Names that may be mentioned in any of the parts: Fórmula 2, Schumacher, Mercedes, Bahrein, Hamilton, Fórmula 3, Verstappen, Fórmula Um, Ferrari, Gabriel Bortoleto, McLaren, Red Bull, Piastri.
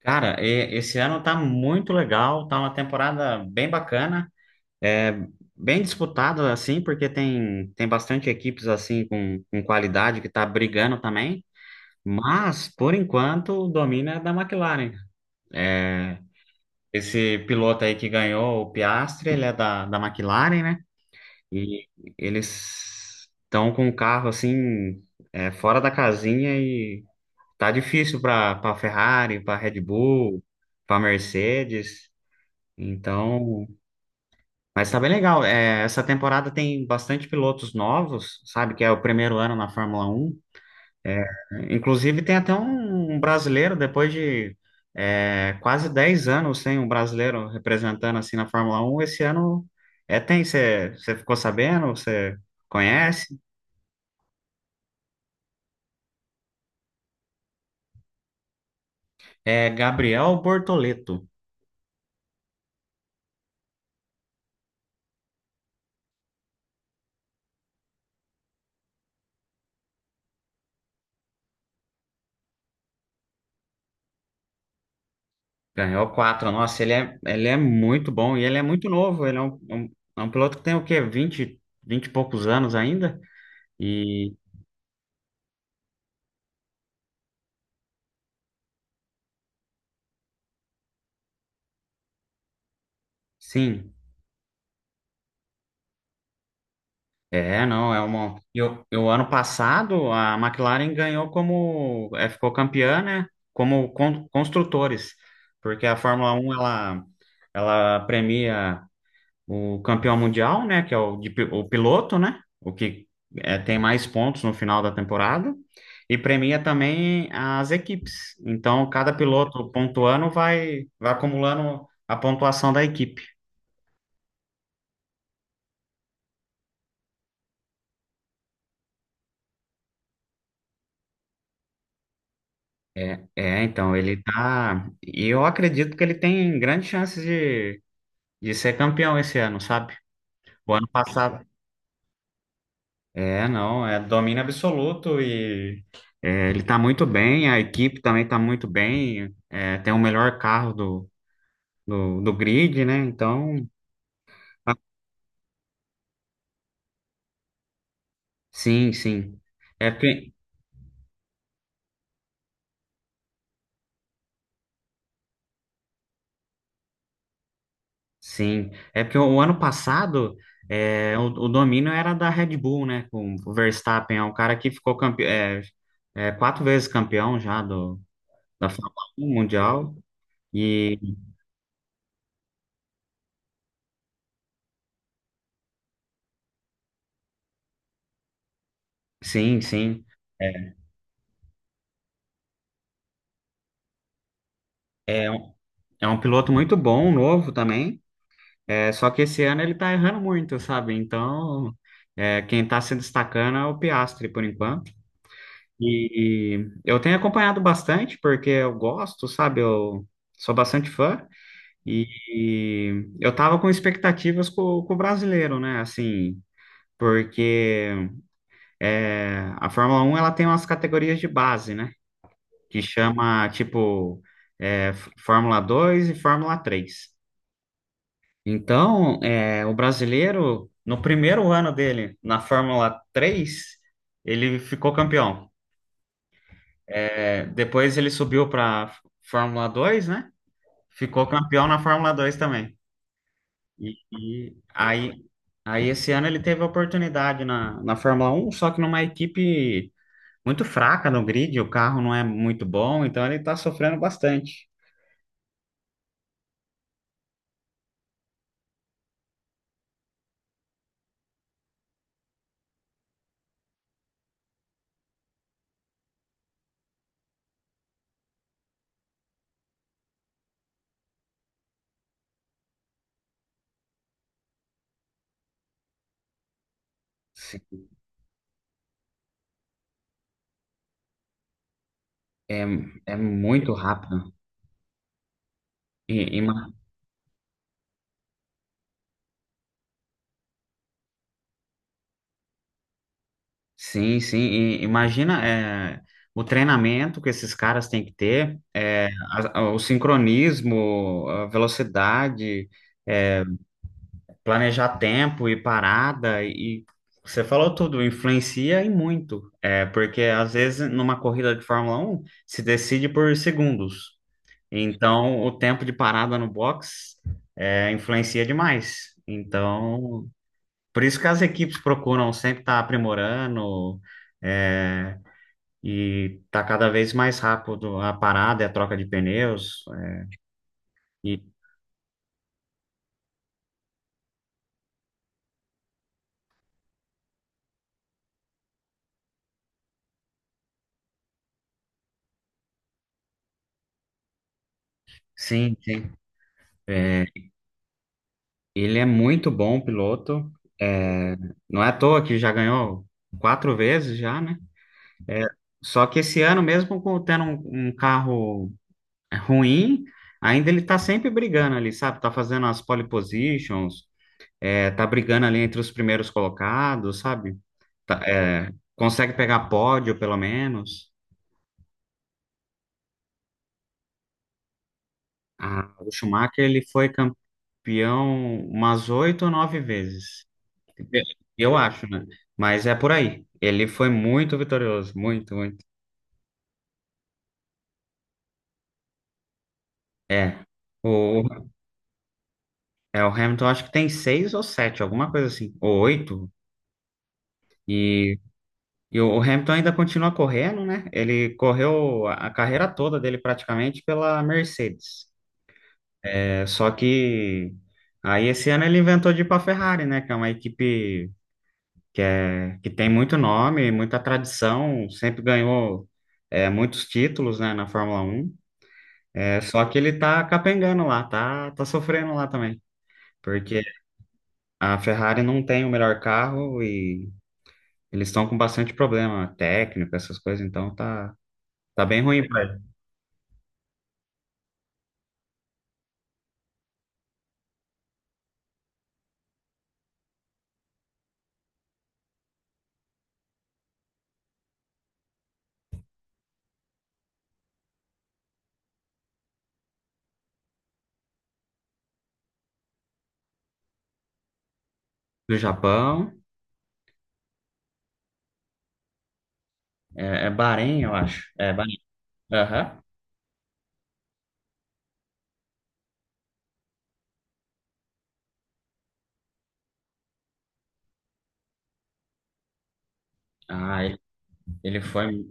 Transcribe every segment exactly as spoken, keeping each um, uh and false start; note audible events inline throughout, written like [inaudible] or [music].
Cara, e- esse ano tá muito legal, tá uma temporada bem bacana, é bem disputada assim, porque tem, tem bastante equipes assim com, com qualidade que tá brigando também, mas por enquanto domina é da McLaren. É, esse piloto aí que ganhou o Piastri, ele é da, da McLaren, né? E eles estão com um carro assim é, fora da casinha e tá difícil para para Ferrari, para Red Bull, para Mercedes. Então, mas tá bem legal. É, essa temporada tem bastante pilotos novos, sabe? Que é o primeiro ano na Fórmula Um. É, inclusive tem até um, um brasileiro, depois de é, quase dez anos sem um brasileiro representando assim na Fórmula Um esse ano é, tem, você ficou sabendo? Você conhece? É Gabriel Bortoleto. Ganhou quatro. Nossa, ele é, ele é muito bom e ele é muito novo. Ele é um, um, é um piloto que tem o quê? Vinte vinte e poucos anos ainda. Sim, é, não, é uma. Eu, eu ano passado a McLaren ganhou como, é, ficou campeã, né? Como con- construtores, porque a Fórmula um ela, ela premia o campeão mundial, né? Que é o, de, pi- o piloto, né? O que é, tem mais pontos no final da temporada e premia também as equipes. Então, cada piloto pontuando vai, vai acumulando a pontuação da equipe. É, é, então, ele tá. E eu acredito que ele tem grandes chances de, de ser campeão esse ano, sabe? O ano passado. É, não, é domínio absoluto e é, ele tá muito bem, a equipe também tá muito bem, é, tem o melhor carro do, do, do grid, né? Então, a- sim, sim. É porque sim, é porque o, ano passado é, o, o domínio era da Red Bull, né? Com o Verstappen, é um cara que ficou campeão, é, é, quatro vezes campeão já do, da Fórmula um Mundial. E sim, sim. É, é um- é um piloto muito bom, novo também. É, só que esse ano ele tá errando muito, sabe? Então, é, quem tá se destacando é o Piastri por enquanto. E eu tenho acompanhado bastante, porque eu gosto, sabe? Eu sou bastante fã. E, e eu tava com expectativas com, com o brasileiro, né? Assim, porque é, a Fórmula um ela tem umas categorias de base, né? Que chama tipo é, F- Fórmula dois e Fórmula três. Então, é, o brasileiro, no primeiro ano dele na Fórmula três, ele ficou campeão. É, depois ele subiu para Fórmula dois, né? Ficou campeão na Fórmula dois também. E, e aí, aí Esse ano ele teve a oportunidade na, na Fórmula Um, só que numa equipe muito fraca no grid, o carro não é muito bom, então ele está sofrendo bastante. Sim, É, é muito rápido. E, ima- sim, sim. E imagina é, o treinamento que esses caras têm que ter, é, a- a- o sincronismo, a velocidade. É, planejar tempo e parada e você falou tudo, influencia e muito. É, porque às vezes numa corrida de Fórmula Um se decide por segundos. Então o tempo de parada no box é, influencia demais. Então, por isso que as equipes procuram sempre estar aprimorando é, e tá cada vez mais rápido a parada e a troca de pneus. E sim, sim. É, ele é muito bom piloto. É, não é à toa que já ganhou quatro vezes já, né? É, só que esse ano, mesmo com- tendo um, um carro é, ruim, ainda ele tá sempre brigando ali, sabe? Tá fazendo as pole positions, é, tá brigando ali entre os primeiros colocados, sabe? Tá- é, Consegue pegar pódio, pelo menos. Ah, o Schumacher, ele foi campeão umas oito ou nove vezes. Eu eu acho, né? Mas é por aí. Ele foi muito vitorioso, muito, muito. É. O, é, o Hamilton acho que tem seis ou sete, alguma coisa assim, ou oito. E, e o Hamilton ainda continua correndo, né? Ele correu a a carreira toda dele praticamente pela Mercedes. É, só que aí esse ano ele inventou de ir para Ferrari, né? Que é uma equipe que, é, que tem muito nome, muita tradição, sempre ganhou é, muitos títulos, né, na Fórmula Um. É, só que ele tá capengando lá, tá, tá sofrendo lá também. Porque a Ferrari não tem o melhor carro e eles estão com bastante problema técnico, essas coisas, então tá, tá bem ruim pra ele. Do Japão, é, é Bahrein, eu acho. É Bahrein. Aham. Ah, ele, ele foi.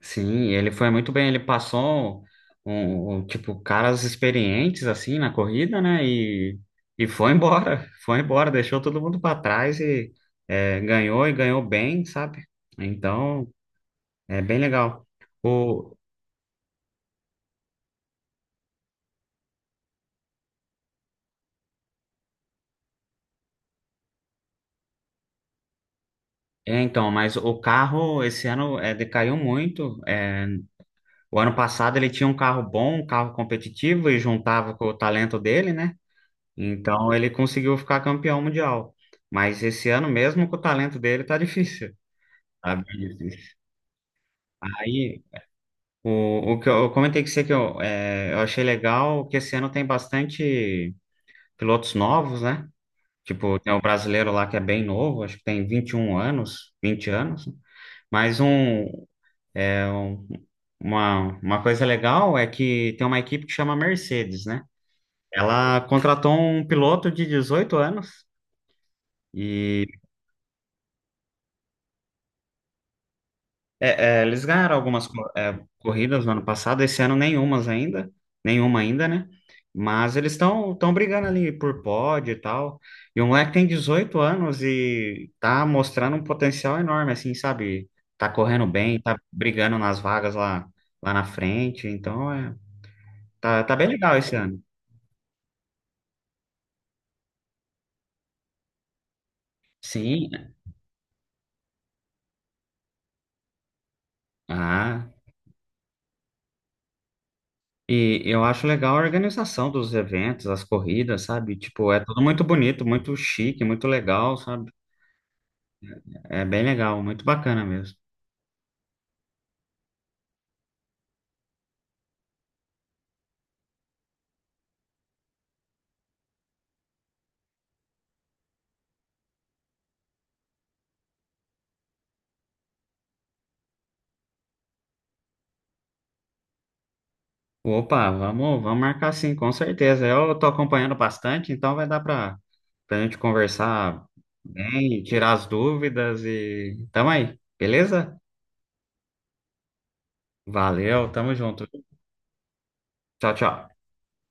Sim, ele foi muito bem, ele passou um, um, tipo caras experientes assim na corrida, né? E, e foi embora, [laughs] foi embora, deixou todo mundo para trás e é, ganhou e ganhou bem, sabe? Então, é bem legal. O, é, então, mas o carro esse ano é, decaiu muito. É, o ano passado ele tinha um carro bom, um carro competitivo e juntava com o talento dele, né? Então ele conseguiu ficar campeão mundial. Mas esse ano mesmo com o talento dele tá difícil. Sabe? Aí, o, o que eu, eu comentei com você que eu, é, eu achei legal que esse ano tem bastante pilotos novos, né? Tipo, tem o brasileiro lá que é bem novo, acho que tem vinte e um anos, vinte anos, né? Mas um, é, um- uma, uma coisa legal é que tem uma equipe que chama Mercedes, né? Ela contratou um piloto de dezoito anos. É, é, eles ganharam algumas co- é, corridas no ano passado, esse ano nenhumas ainda, nenhuma ainda, né? Mas eles estão estão brigando ali por pódio e tal. E o moleque tem dezoito anos e tá mostrando um potencial enorme, assim, sabe? Tá correndo bem, tá brigando nas vagas lá, lá na frente. Então, é, tá, tá bem legal esse ano. Sim, ah, e eu acho legal a organização dos eventos, as corridas, sabe? Tipo, é tudo muito bonito, muito chique, muito legal, sabe? É bem legal, muito bacana mesmo. Opa, vamos, vamos marcar sim, com certeza. Eu tô acompanhando bastante, então vai dar para a gente conversar bem, tirar as dúvidas e tamo aí, beleza? Valeu, tamo junto. Tchau, tchau.